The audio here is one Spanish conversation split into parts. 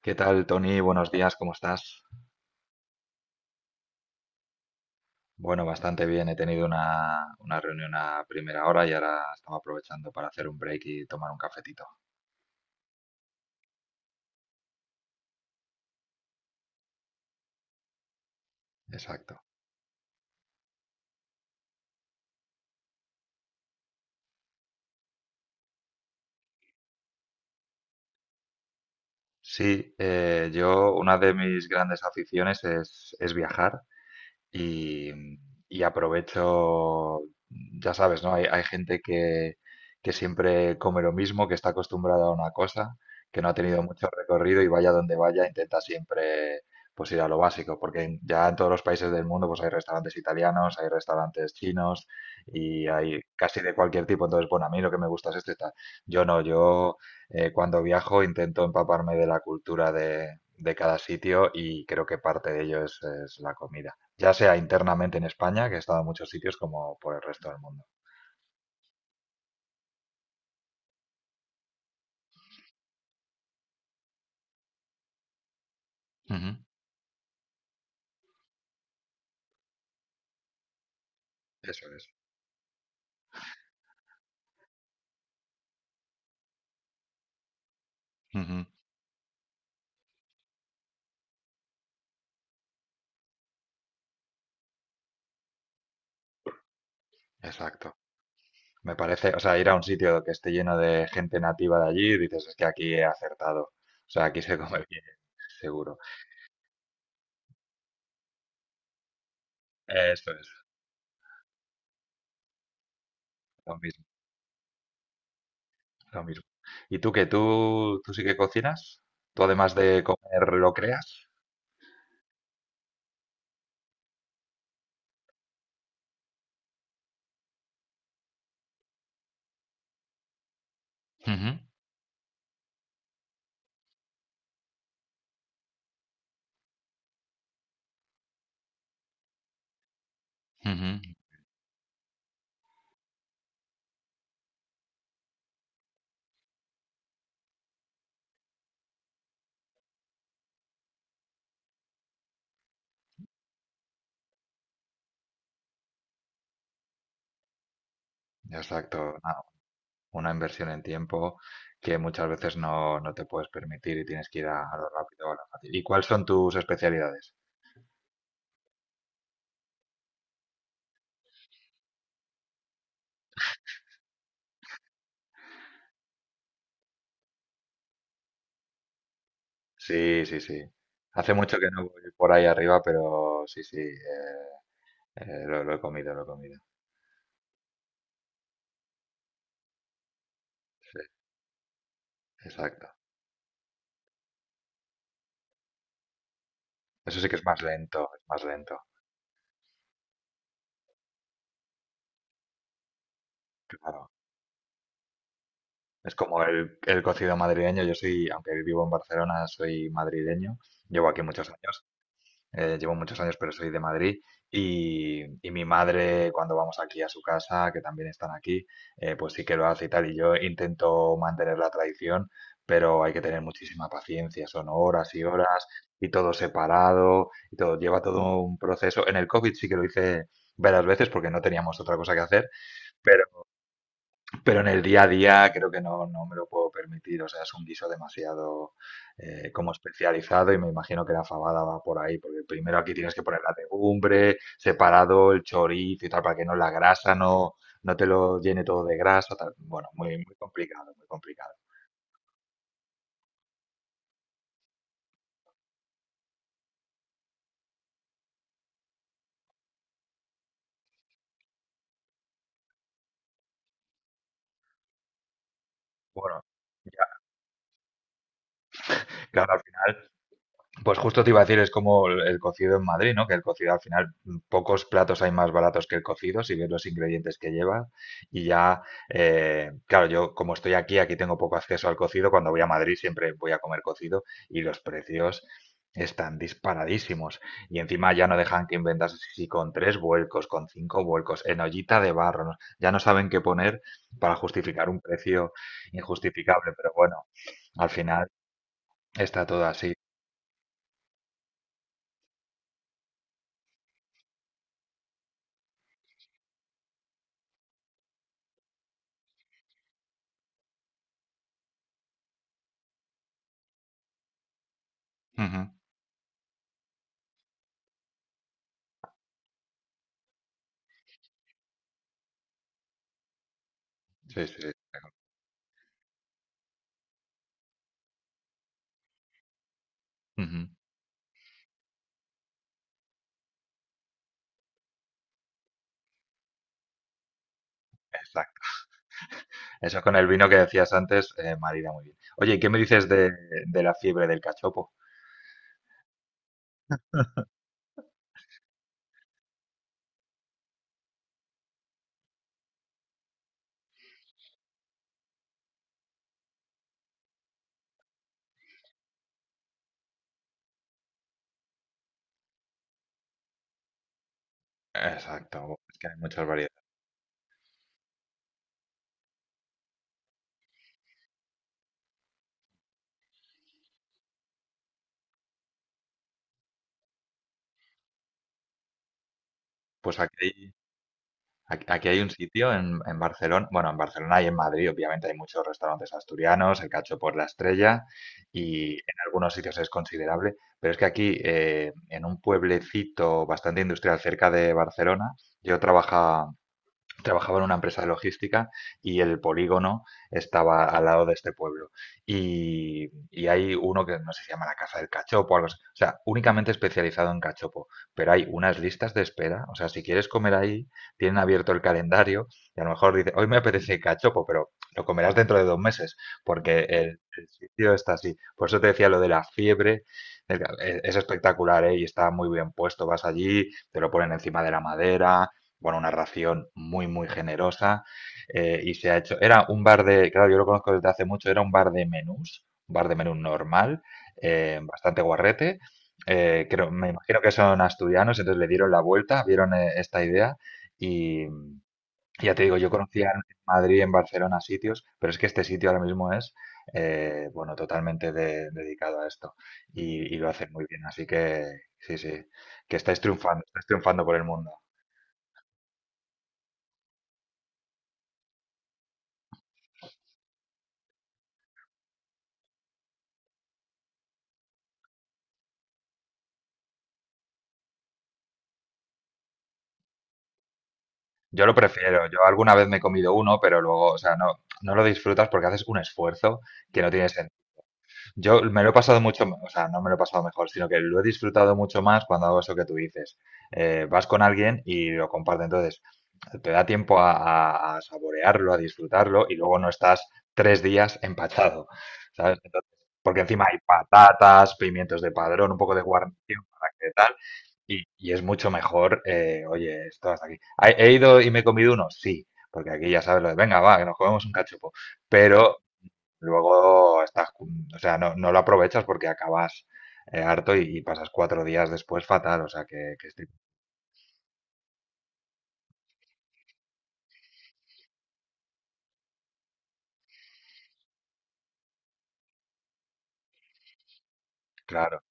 ¿Qué tal, Tony? Buenos días, ¿cómo estás? Bueno, bastante bien. He tenido una reunión a primera hora y ahora estaba aprovechando para hacer un break y tomar un cafetito. Exacto. Sí, yo una de mis grandes aficiones es viajar. Y, y aprovecho, ya sabes, ¿no? Hay gente que siempre come lo mismo, que está acostumbrada a una cosa, que no ha tenido mucho recorrido y vaya donde vaya, intenta siempre pues ir a lo básico, porque ya en todos los países del mundo pues hay restaurantes italianos, hay restaurantes chinos y hay casi de cualquier tipo. Entonces, bueno, a mí lo que me gusta es este y tal. Yo no, yo cuando viajo intento empaparme de la cultura de cada sitio y creo que parte de ello es la comida. Ya sea internamente en España, que he estado en muchos sitios, como por el resto del mundo. Ujú. Eso es. Ujú. Exacto. Me parece, o sea, ir a un sitio que esté lleno de gente nativa de allí, dices, es que aquí he acertado. O sea, aquí se come bien, seguro. Eso es, lo mismo, lo mismo. ¿Y tú qué? ¿Tú sí que cocinas? ¿Tú además de comer lo creas? Ujú, ujú. Exacto. Una inversión en tiempo que muchas veces no te puedes permitir y tienes que ir a lo rápido o a lo fácil. ¿Y cuáles son tus especialidades? Sí, sí, sí. Hace mucho que no voy por ahí arriba, pero sí, sí, lo he comido, lo he comido. Sí, exacto. Eso sí que es más lento, claro. Es como el cocido madrileño. Yo soy, aunque vivo en Barcelona, soy madrileño, llevo aquí muchos años. Llevo muchos años, pero soy de Madrid. Y mi madre, cuando vamos aquí a su casa, que también están aquí, pues sí que lo hace y tal. Y yo intento mantener la tradición, pero hay que tener muchísima paciencia. Son horas y horas y todo separado y todo. Lleva todo un proceso. En el COVID sí que lo hice varias veces porque no teníamos otra cosa que hacer, pero en el día a día creo que no, no me lo puedo permitir. O sea, es un guiso demasiado como especializado, y me imagino que la fabada va por ahí, porque primero aquí tienes que poner la legumbre, separado el chorizo y tal, para que no la grasa no te lo llene todo de grasa. Tal. Bueno, muy, muy complicado, muy complicado. Bueno, ya, claro, al final. Pues justo te iba a decir, es como el cocido en Madrid, ¿no? Que el cocido al final, mm, pocos platos hay más baratos que el cocido, si ves los ingredientes que lleva. Y ya, claro, yo como estoy aquí, aquí tengo poco acceso al cocido. Cuando voy a Madrid siempre voy a comer cocido y los precios están disparadísimos. Y encima ya no dejan que inventas si con tres vuelcos, con cinco vuelcos, en ollita de barro. ¿No? Ya no saben qué poner para justificar un precio injustificable, pero bueno, al final está todo así. Ujú. Sí, sí. Ujú. Exacto. Eso con el vino que decías antes, marida muy bien. Oye, ¿y qué me dices de la fiebre del cachopo? Exacto, es que hay muchas variedades. Pues aquí, aquí, aquí hay un sitio en Barcelona, bueno, en Barcelona y en Madrid, obviamente hay muchos restaurantes asturianos, el cachopo es la estrella y en algunos sitios es considerable, pero es que aquí, en un pueblecito bastante industrial cerca de Barcelona, yo trabaja, trabajaba en una empresa de logística y el polígono estaba al lado de este pueblo. Y hay uno que no sé si se llama la Casa del Cachopo o algo así. O sea, únicamente especializado en cachopo. Pero hay unas listas de espera. O sea, si quieres comer ahí, tienen abierto el calendario y a lo mejor dice, hoy me apetece cachopo, pero lo comerás dentro de dos meses, porque el sitio está así. Por eso te decía lo de la fiebre. Es espectacular, ¿eh? Y está muy bien puesto. Vas allí, te lo ponen encima de la madera, bueno, una ración muy, muy generosa. Y se ha hecho, era un bar de, claro, yo lo conozco desde hace mucho, era un bar de menús, un bar de menú normal, bastante guarrete. Creo, me imagino que son asturianos, entonces le dieron la vuelta, vieron esta idea y ya te digo, yo conocía en Madrid, en Barcelona sitios, pero es que este sitio ahora mismo es, bueno, totalmente dedicado a esto y lo hacen muy bien, así que sí, sí, que estáis triunfando por el mundo. Yo lo prefiero. Yo alguna vez me he comido uno, pero luego, o sea, no, no lo disfrutas porque haces un esfuerzo que no tiene sentido. Yo me lo he pasado mucho, o sea, no me lo he pasado mejor, sino que lo he disfrutado mucho más cuando hago eso que tú dices. Vas con alguien y lo compartes, entonces te da tiempo a saborearlo, a disfrutarlo y luego no estás tres días empachado, ¿sabes? Entonces, porque encima hay patatas, pimientos de padrón, un poco de guarnición para que tal, y es mucho mejor, oye, esto hasta aquí. ¿He ido y me he comido uno? Sí, porque aquí ya sabes lo de, venga, va, que nos comemos un cachopo. Pero luego estás, o sea, no, no lo aprovechas porque acabas harto y pasas cuatro días después fatal, o sea, que estoy- Claro,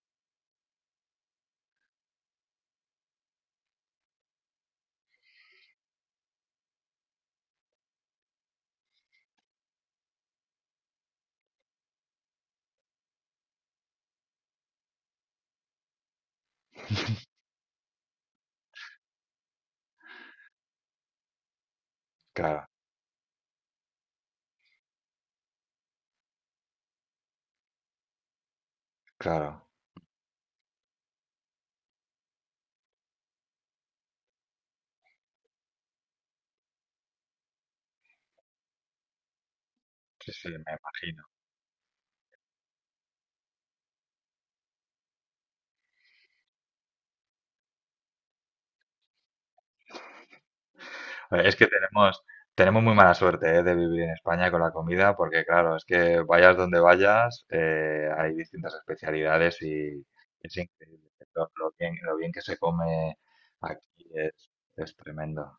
claro, claro. Sí, sí, me imagino. Es que tenemos, tenemos muy mala suerte, de vivir en España con la comida, porque claro, es que vayas donde vayas, hay distintas especialidades y es increíble. Lo bien que se come aquí es tremendo.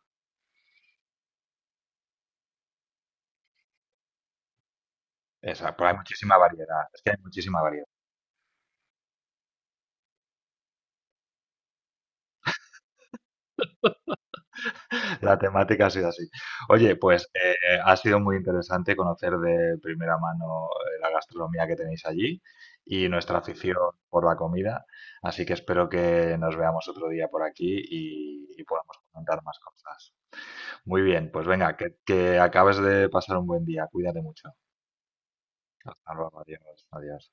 Es- hay muchísima variedad, es que hay muchísima variedad. La temática ha sido así. Oye, pues ha sido muy interesante conocer de primera mano la gastronomía que tenéis allí y nuestra afición por la comida. Así que espero que nos veamos otro día por aquí y podamos comentar más cosas. Muy bien, pues venga, que acabes de pasar un buen día. Cuídate mucho. Hasta luego, adiós, adiós.